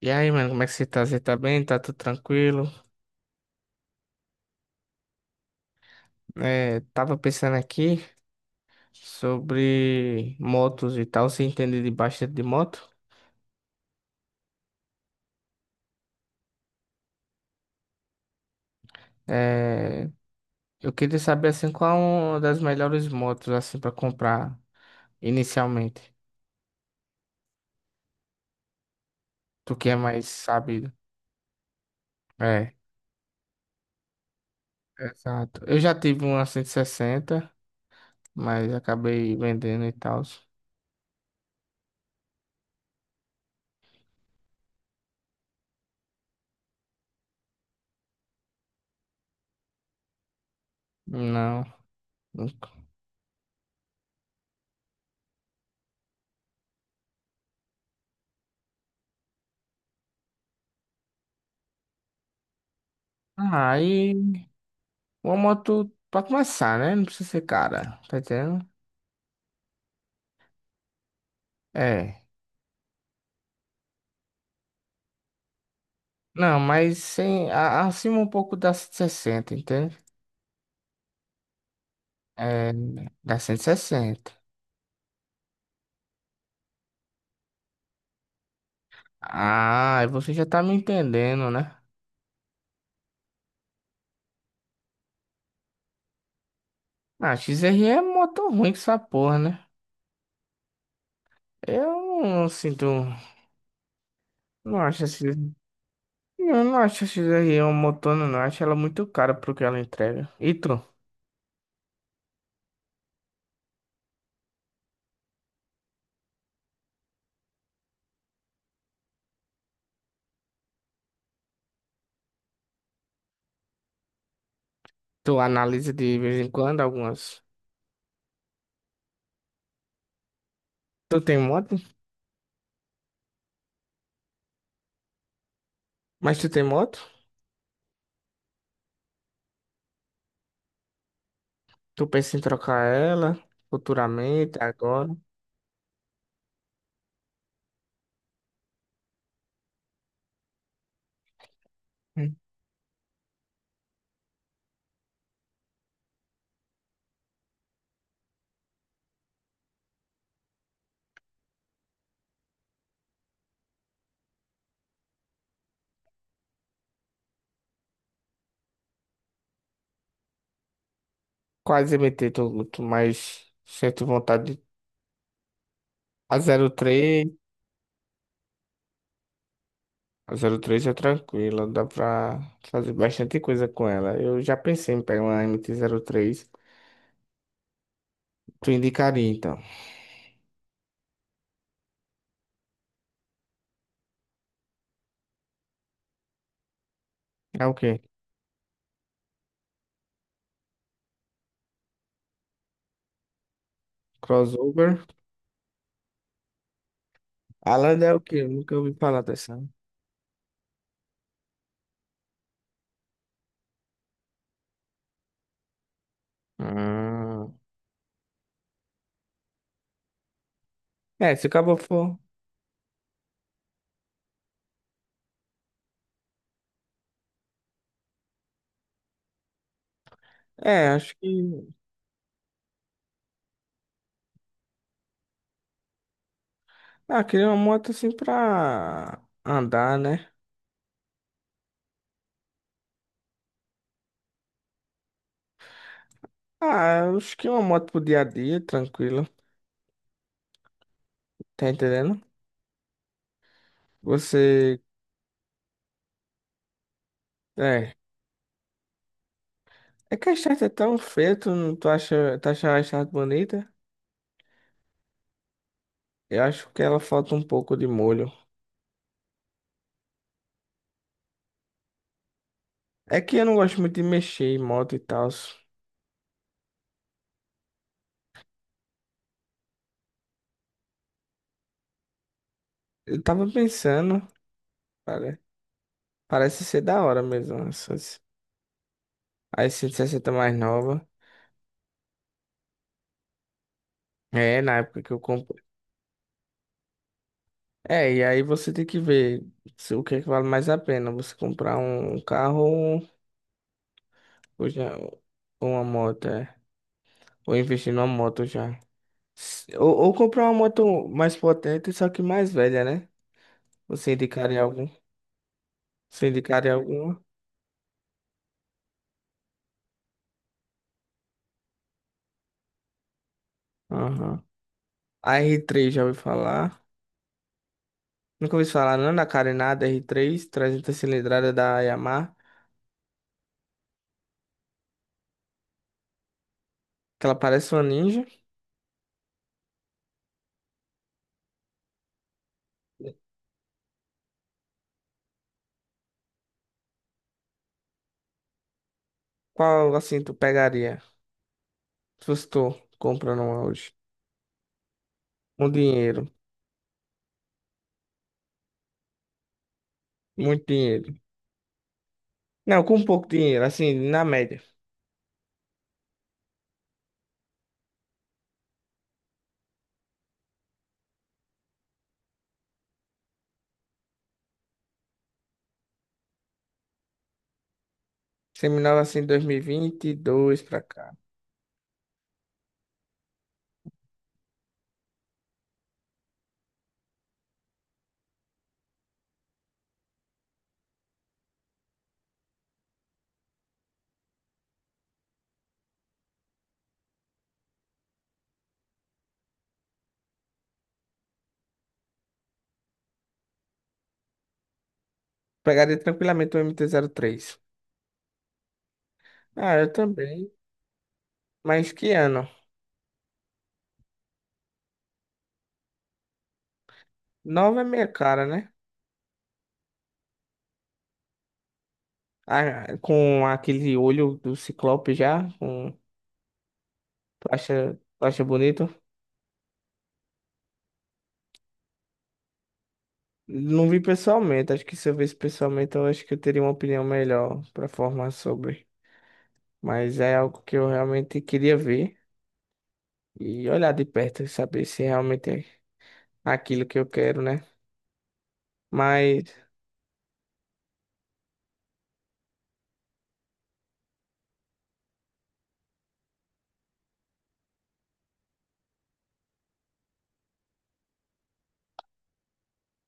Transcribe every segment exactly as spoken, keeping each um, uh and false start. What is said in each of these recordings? E aí, mano, como é que você tá? Você tá bem? Tá tudo tranquilo? É, tava pensando aqui sobre motos e tal. Você entende de bastante de moto? É, eu queria saber, assim, qual uma das melhores motos, assim, pra comprar inicialmente. Tu que é mais sabido. É, exato. Eu já tive uma cento e sessenta, mas acabei vendendo e tal. Não, nunca. Ah, aí uma moto pra começar, né? Não precisa ser cara, tá entendendo? É. Não, mas sim, a- acima um pouco da cento e sessenta, entende? É, da cento e sessenta. Ah, você já tá me entendendo, né? Ah, X R é moto ruim que essa porra, né? Eu não sinto. Não acho esse. Eu não acho a X R um motor, não. Eu acho ela muito cara pro que ela entrega. E tu? Tu analisa de vez em quando algumas. Tu tem moto? Mas tu tem moto? Tu pensa em trocar ela futuramente, agora? Quase M T, tô, tô mais sinto vontade de… A zero três, a zero três é tranquila, dá pra fazer bastante coisa com ela. Eu já pensei em pegar uma M T zero três. Tu indicaria, então. É o quê? Crossover? A é o quê? Eu nunca ouvi falar dessa. Hum. É, se o cabo for… É, acho que… Ah, queria uma moto assim pra andar, né? Ah, acho que uma moto pro dia a dia, tranquila. Tá entendendo? Você… É. É que a Start é tão feia, tu, não- tu acha, tu acha a Start bonita? Eu acho que ela falta um pouco de molho. É que eu não gosto muito de mexer em moto e tal. Eu tava pensando, pare- parece ser da hora mesmo, essas, as cento e sessenta mais nova. É, na época que eu comprei. É, e aí você tem que ver se, o que é que vale mais a pena, você comprar um carro ou, ou já, ou uma moto, é. Ou investir numa moto já. S- Ou, ou comprar uma moto mais potente, só que mais velha, né? Você indicaria algum? Você indicaria alguma? Aham. A R três já ouviu falar? Nunca ouvi falar, não, da carenada R três, trezentos cilindrada da Yamaha, que ela parece uma ninja. Qual, assim, tu pegaria? Se fosse tu comprando uma hoje. Um dinheiro, muito dinheiro. Não, com pouco dinheiro, assim, na média. Seminova, assim, dois mil e vinte e dois pra cá. Pegaria tranquilamente o M T zero três. Ah, eu também. Mas que ano? Nova é minha cara, né? Ah, com aquele olho do Ciclope já, com, tu acha, tu acha bonito? Não vi pessoalmente, acho que se eu visse pessoalmente, eu acho que eu teria uma opinião melhor para formar sobre. Mas é algo que eu realmente queria ver e olhar de perto e saber se realmente é aquilo que eu quero, né? Mas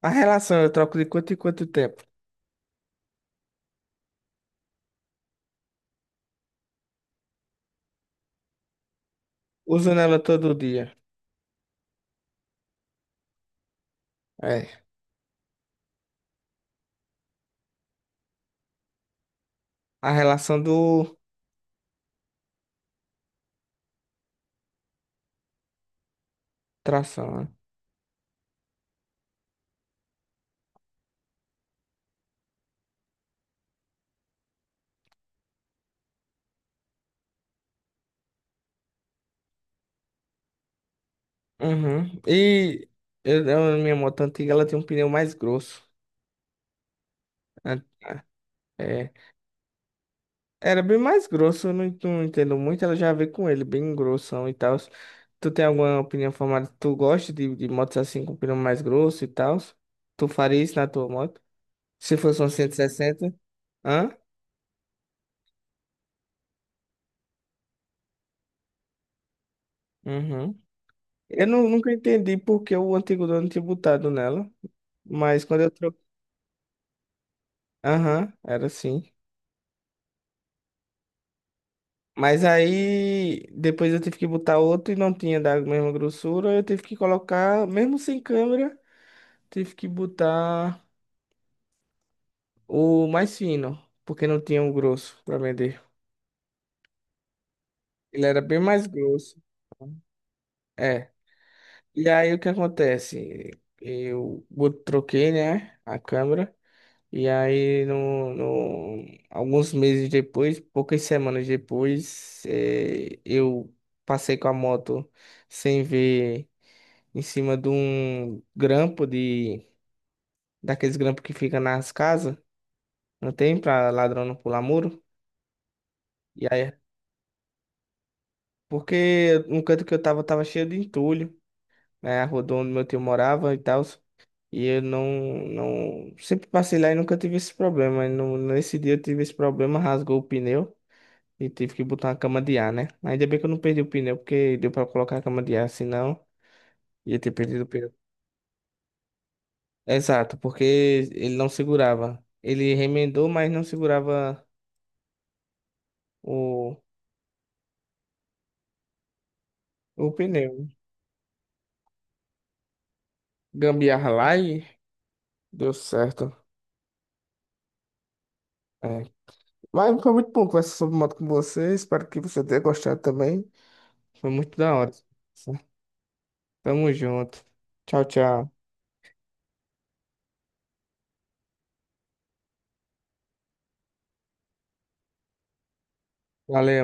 a relação eu troco de quanto em quanto tempo? Usando ela todo dia. É. A relação do tração, né? Uhum. E eu, eu- minha moto antiga, ela tem um pneu mais grosso. Né? É, era bem mais grosso, eu não, en- não entendo muito. Ela já veio com ele, bem grossão e tal. Tu tem alguma opinião formada? Tu gosta de, de motos assim com pneu mais grosso e tal? Tu faria isso na tua moto? Se fosse um cento e sessenta? Hã? Uhum. Eu nu- nunca entendi porque o antigo dono tinha botado nela. Mas quando eu troquei. Aham, era assim. Mas aí depois eu tive que botar outro e não tinha da mesma grossura. Eu tive que colocar, mesmo sem câmera, tive que botar. O mais fino, porque não tinha um grosso para vender. Ele era bem mais grosso. É. E aí o que acontece? Eu bot- troquei, né, a câmera. E aí, no, no- alguns meses depois, poucas semanas depois, eh, eu passei com a moto sem ver em cima de um grampo de daqueles grampos que fica nas casas. Não tem pra ladrão não pular muro. E aí, porque no canto que eu tava, tava cheio de entulho. Né, a rua do onde meu tio morava e tal. E eu não, não. Sempre passei lá e nunca tive esse problema. E no- nesse dia eu tive esse problema, rasgou o pneu e tive que botar uma cama de ar, né? Ainda bem que eu não perdi o pneu, porque deu pra colocar a cama de ar, senão ia ter perdido o pneu. Exato, porque ele não segurava. Ele remendou, mas não segurava o, o pneu. Gambiarra lá e deu certo. É. Mas foi muito bom conversar sobre moto com você. Espero que você tenha gostado também. Foi muito da hora. Tamo junto. Tchau, tchau. Valeu.